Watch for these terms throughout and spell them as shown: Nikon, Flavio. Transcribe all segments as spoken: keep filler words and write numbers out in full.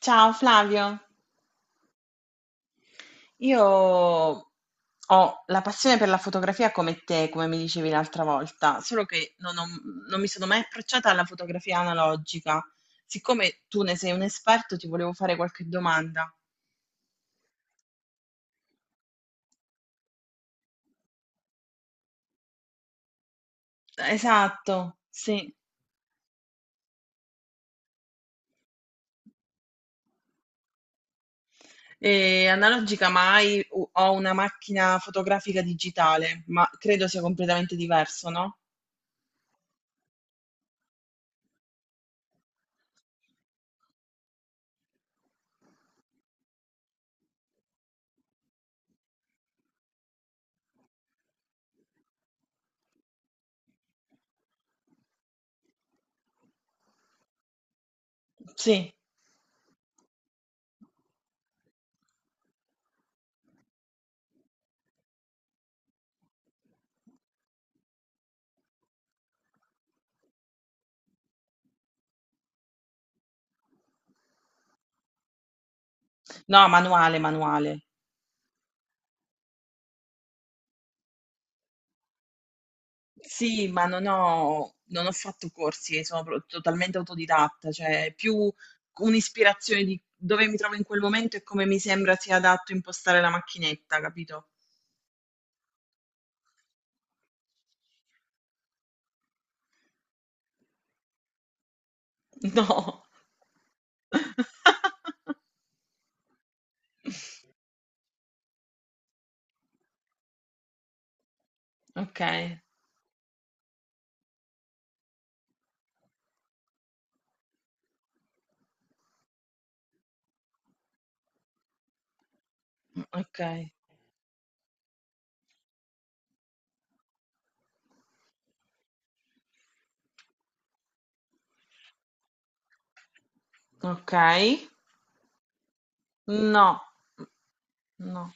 Ciao Flavio, io ho la passione per la fotografia come te, come mi dicevi l'altra volta, solo che non, ho- non mi sono mai approcciata alla fotografia analogica. Siccome tu ne sei un esperto, ti volevo fare qualche domanda. Esatto, sì. E analogica mai, ho ho una macchina fotografica digitale, ma credo sia completamente diverso, no? Sì, no, manuale, manuale. Sì, ma non ho, non ho fatto corsi, sono pro- totalmente autodidatta, cioè più un'ispirazione di dove mi trovo in quel momento e come mi sembra sia adatto impostare la macchinetta, capito? No. Ok, ok, ok. No, no,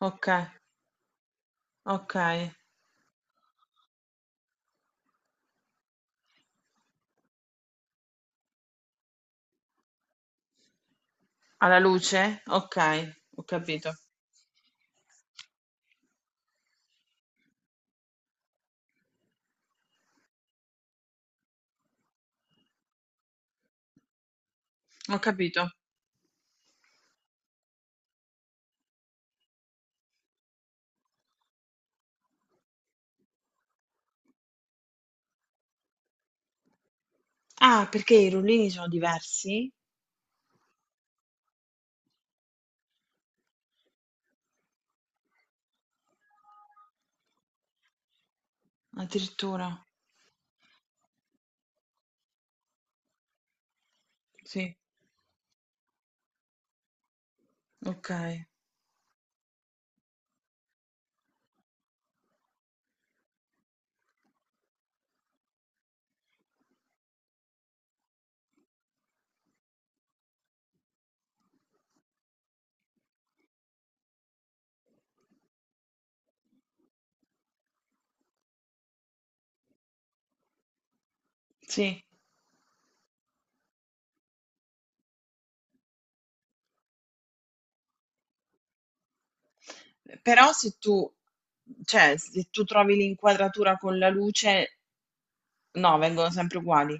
ok, ok. Alla luce? Ok, ho capito, ho capito. Ah, perché i rullini sono diversi? Addirittura. Sì, okay, sì. Però se tu cioè, se tu trovi l'inquadratura con la luce no, vengono sempre uguali.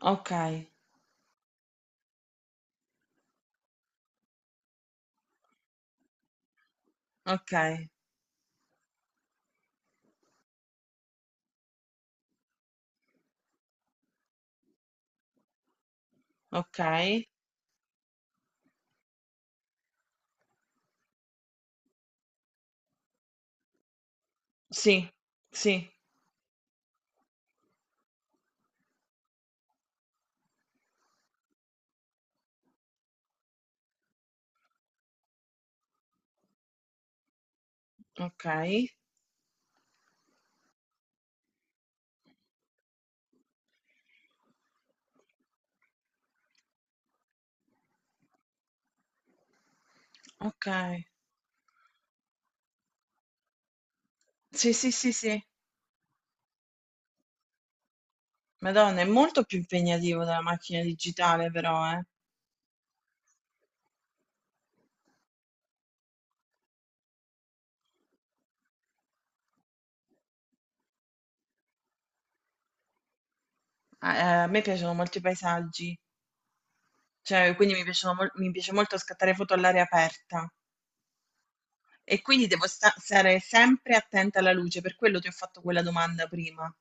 Okay, okay, okay. Sì, sì, okay, okay. Sì, sì, sì, sì. Madonna, è molto più impegnativo della macchina digitale però, eh. A ehm, a me piacciono molto i paesaggi, cioè quindi mi piacciono mol mi piace molto scattare foto all'aria aperta. E quindi devo sta- stare sempre attenta alla luce, per quello ti ho fatto quella domanda prima.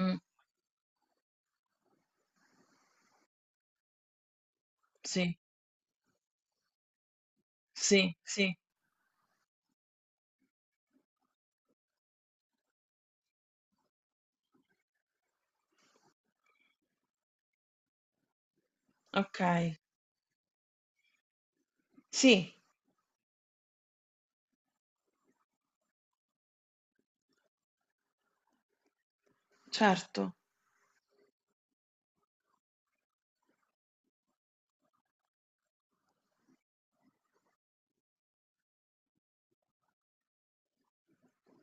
Mm, sì, sì, sì, ok. Sì, certo.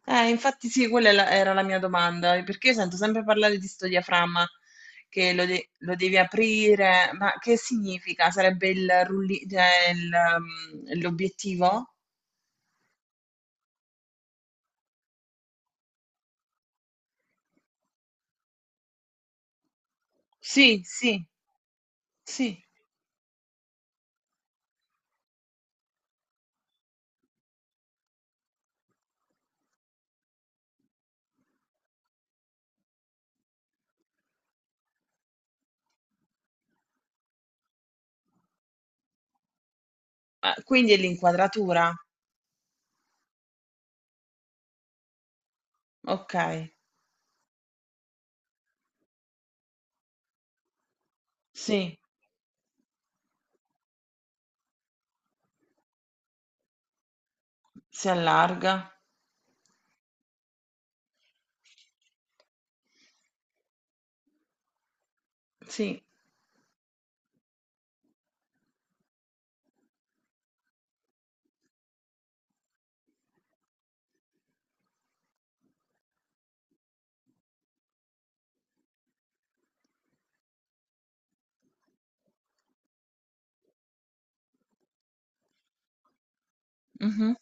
Eh, infatti sì, quella è la- era la mia domanda, perché io sento sempre parlare di sto diaframma, che lo, de- lo devi aprire, ma che significa? Sarebbe il rulli- cioè il, um, l'obiettivo? Sì, sì, sì. Ah, quindi è l'inquadratura. Ok, sì, si allarga. Sì, mhm.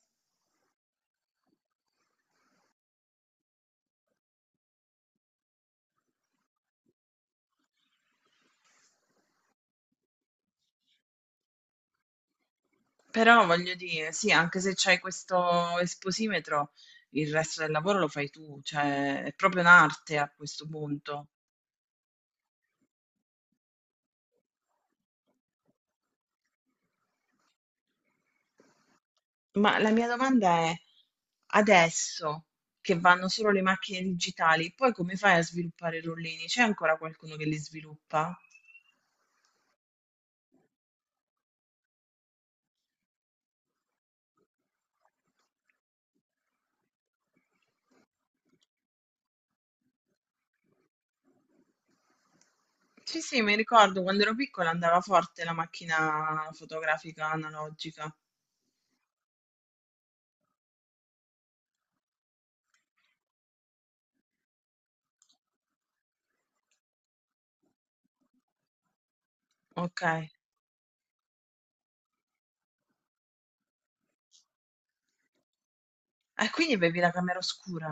Però voglio dire, sì, anche se c'hai questo esposimetro, il resto del lavoro lo fai tu, cioè è proprio un'arte a questo punto. Ma la mia domanda è, adesso che vanno solo le macchine digitali, poi come fai a sviluppare i rollini? C'è ancora qualcuno che li sviluppa? Sì, sì, mi ricordo quando ero piccola andava forte la macchina fotografica analogica. Ok. E quindi bevi la camera oscura?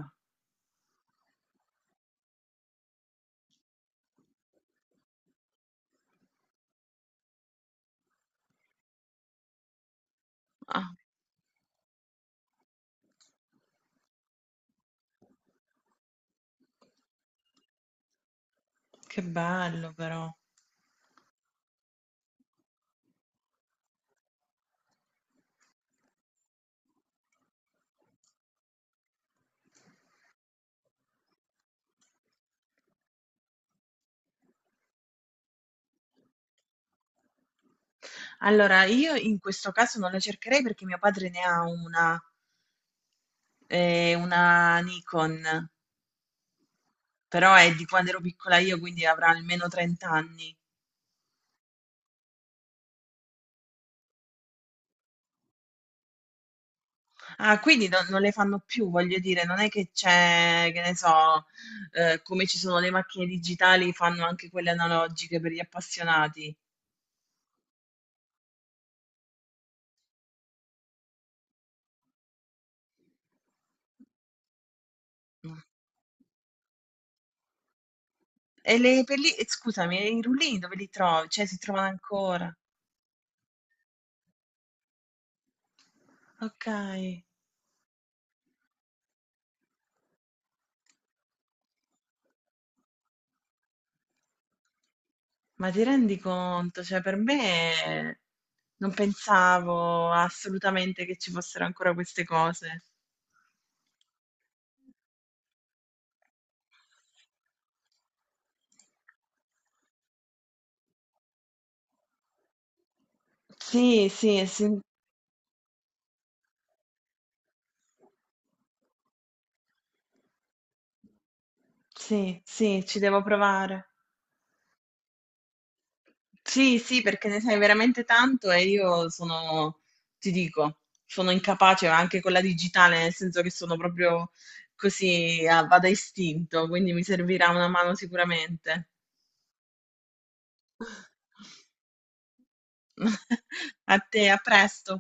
Ah, che bello però. Allora, io in questo caso non la cercherei perché mio padre ne ha una, eh, una Nikon, però è di quando ero piccola io, quindi avrà almeno trenta anni. Ah, quindi non, non le fanno più, voglio dire, non è che c'è, che ne so, eh, come ci sono le macchine digitali, fanno anche quelle analogiche per gli appassionati. Mm. E le pelli- eh, scusami, e i rullini dove li trovi? Cioè, si trovano ancora? Ok. Ma ti rendi conto? Cioè, per me non pensavo assolutamente che ci fossero ancora queste cose. Sì, sì, sì, sì, sì, ci devo provare. Sì, sì, perché ne sai veramente tanto e io sono, ti dico, sono incapace anche con la digitale, nel senso che sono proprio così, a- vado a istinto, quindi mi servirà una mano sicuramente. A te, a presto.